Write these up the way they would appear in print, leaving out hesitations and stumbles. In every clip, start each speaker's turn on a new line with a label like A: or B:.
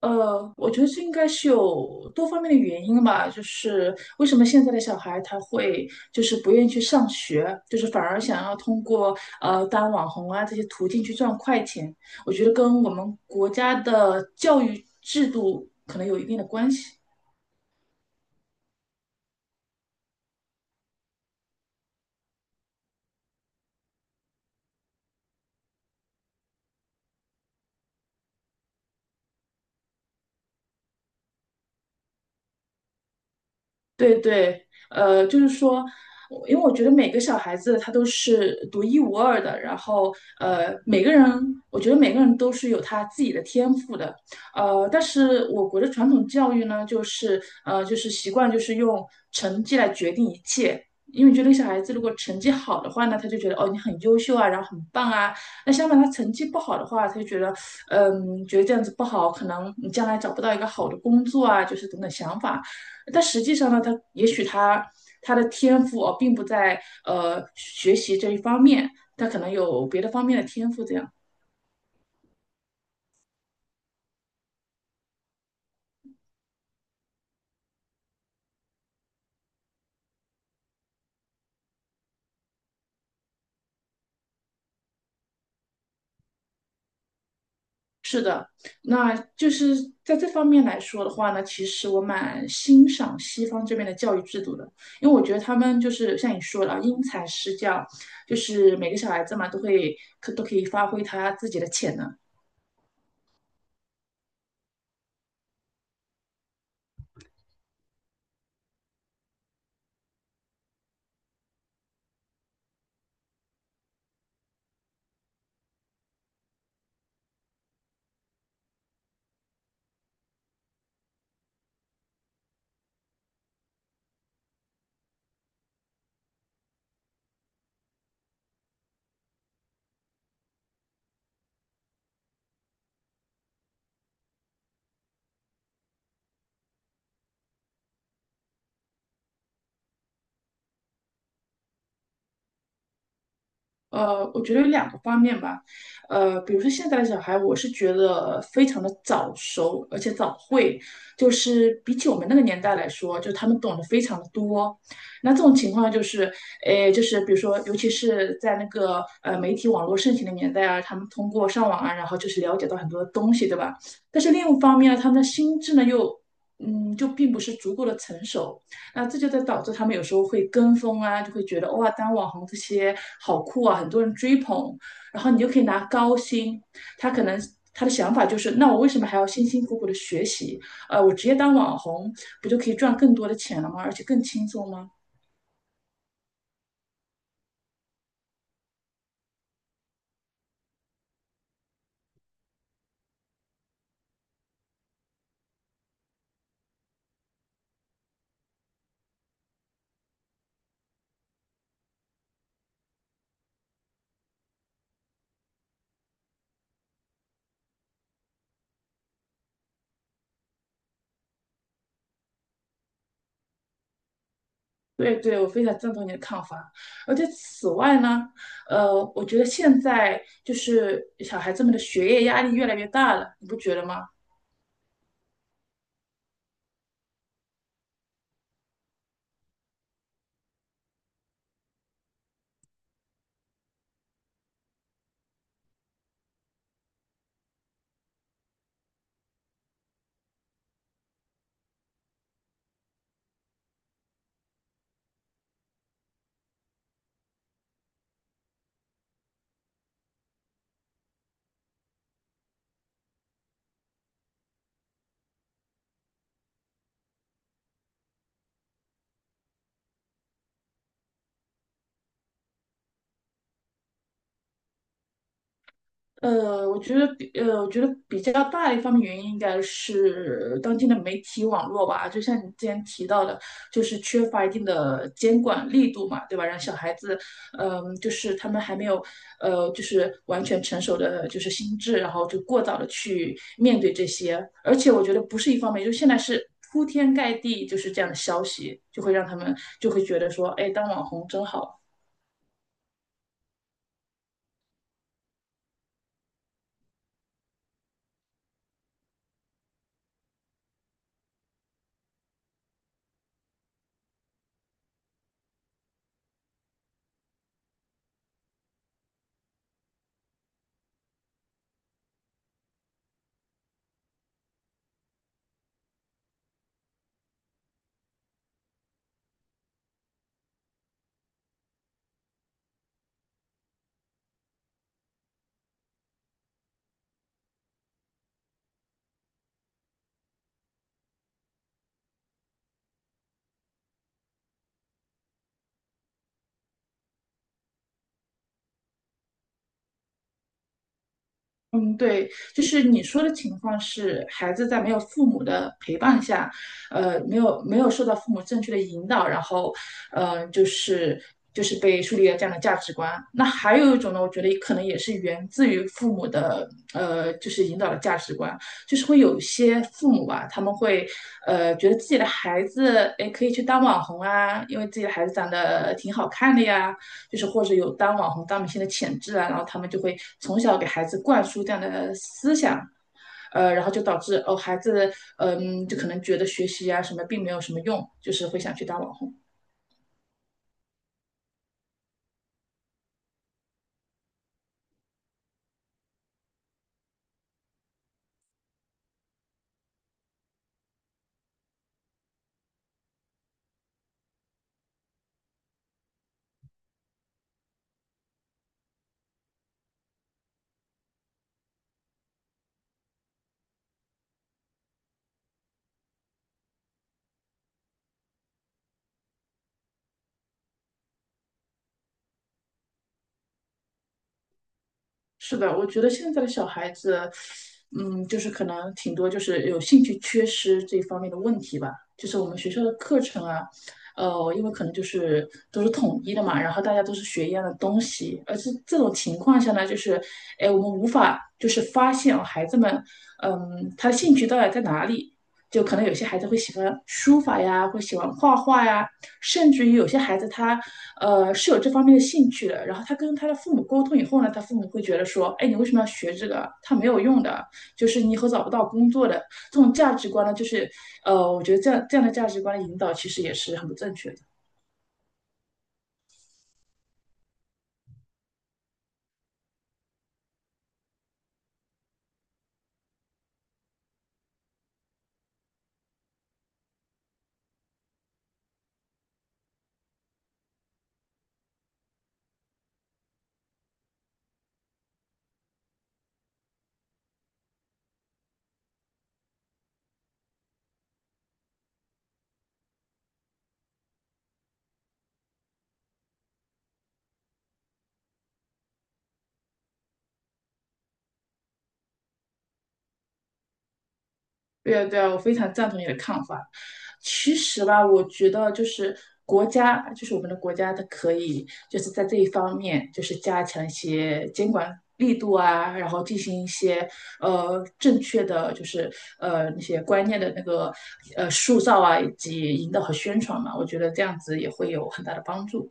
A: 我觉得这应该是有多方面的原因吧，就是为什么现在的小孩他会就是不愿意去上学，就是反而想要通过当网红啊这些途径去赚快钱，我觉得跟我们国家的教育制度可能有一定的关系。对对，就是说，因为我觉得每个小孩子他都是独一无二的，然后呃，每个人，我觉得每个人都是有他自己的天赋的，但是我国的传统教育呢，就是习惯就是用成绩来决定一切。因为觉得小孩子如果成绩好的话呢，他就觉得哦你很优秀啊，然后很棒啊。那相反他成绩不好的话，他就觉得觉得这样子不好，可能你将来找不到一个好的工作啊，就是等等想法。但实际上呢，他也许他的天赋哦，并不在学习这一方面，他可能有别的方面的天赋。这样，那就是在这方面来说的话呢，其实我蛮欣赏西方这边的教育制度的，因为我觉得他们就是像你说的啊，因材施教，就是每个小孩子嘛，都可以发挥他自己的潜能。我觉得有两个方面吧，比如说现在的小孩，我是觉得非常的早熟，而且早会，就是比起我们那个年代来说，就他们懂得非常的多。那这种情况就是，诶，就是比如说，尤其是在那个媒体网络盛行的年代啊，他们通过上网啊，然后就是了解到很多东西，对吧？但是另一方面呢，他们的心智呢又，嗯，就并不是足够的成熟。那这就在导致他们有时候会跟风啊，就会觉得哇，当网红这些好酷啊，很多人追捧，然后你就可以拿高薪。他可能他的想法就是，那我为什么还要辛辛苦苦的学习？我直接当网红不就可以赚更多的钱了吗？而且更轻松吗？对对，我非常赞同你的看法。而且此外呢，我觉得现在就是小孩子们的学业压力越来越大了，你不觉得吗？我觉得比较大的一方面原因应该是当今的媒体网络吧，就像你之前提到的，就是缺乏一定的监管力度嘛，对吧？让小孩子，嗯、就是他们还没有，就是完全成熟的就是心智，然后就过早的去面对这些，而且我觉得不是一方面，就现在是。铺天盖地就是这样的消息，就会让他们就会觉得说，哎，当网红真好。嗯，对，就是你说的情况是，孩子在没有父母的陪伴下，没有受到父母正确的引导，然后，呃，就是就是被树立了这样的价值观。那还有一种呢，我觉得可能也是源自于父母的，就是引导的价值观，就是会有一些父母啊，他们会，觉得自己的孩子，哎，可以去当网红啊，因为自己的孩子长得挺好看的呀，就是或者有当网红、当明星的潜质啊，然后他们就会从小给孩子灌输这样的思想，然后就导致哦，孩子嗯，就可能觉得学习啊什么并没有什么用，就是会想去当网红。是的，我觉得现在的小孩子，嗯，就是可能挺多就是有兴趣缺失这方面的问题吧。就是我们学校的课程啊，因为可能就是都是统一的嘛，然后大家都是学一样的东西，而是这种情况下呢，就是，哎，我们无法就是发现哦孩子们，嗯，他的兴趣到底在哪里？就可能有些孩子会喜欢书法呀，会喜欢画画呀，甚至于有些孩子他是有这方面的兴趣的，然后他跟他的父母沟通以后呢，他父母会觉得说，哎，你为什么要学这个？他没有用的，就是你以后找不到工作的。这种价值观呢，我觉得这样的价值观的引导其实也是很不正确的。对啊，对啊，我非常赞同你的看法。其实吧，我觉得就是国家，就是我们的国家，它可以就是在这一方面，就是加强一些监管力度啊，然后进行一些正确的，就是那些观念的那个塑造啊，以及引导和宣传嘛。我觉得这样子也会有很大的帮助。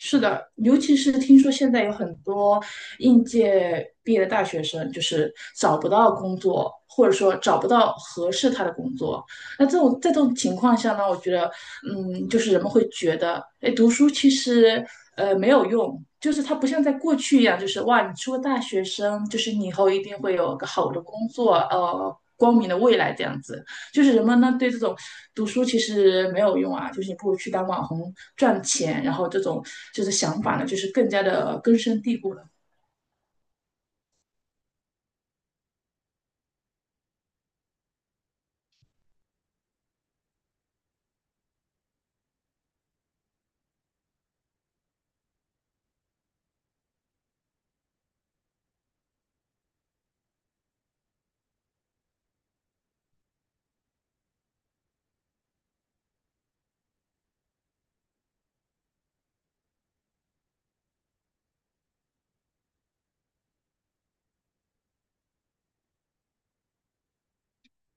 A: 是的，尤其是听说现在有很多应届毕业的大学生，就是找不到工作，或者说找不到合适他的工作。那这种在这种情况下呢，我觉得，嗯，就是人们会觉得，哎，读书其实没有用，就是它不像在过去一样，就是哇，你是个大学生，就是你以后一定会有个好的工作，光明的未来这样子。就是人们呢对这种读书其实没有用啊，就是你不如去当网红赚钱，然后这种就是想法呢，就是更加的根深蒂固了。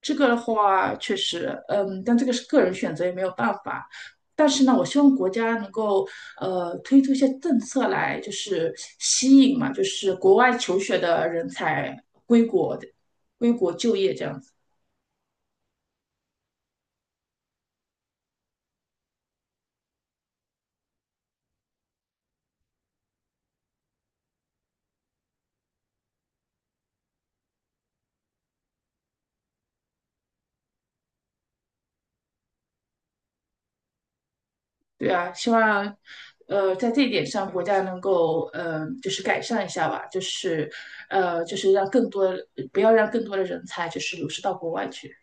A: 这个的话，确实，嗯，但这个是个人选择，也没有办法。但是呢，我希望国家能够推出一些政策来，就是吸引嘛，就是国外求学的人才归国归国就业这样子。对啊，希望，在这一点上，国家能够，就是改善一下吧，就是，呃，就是让更多，不要让更多的人才就是流失到国外去。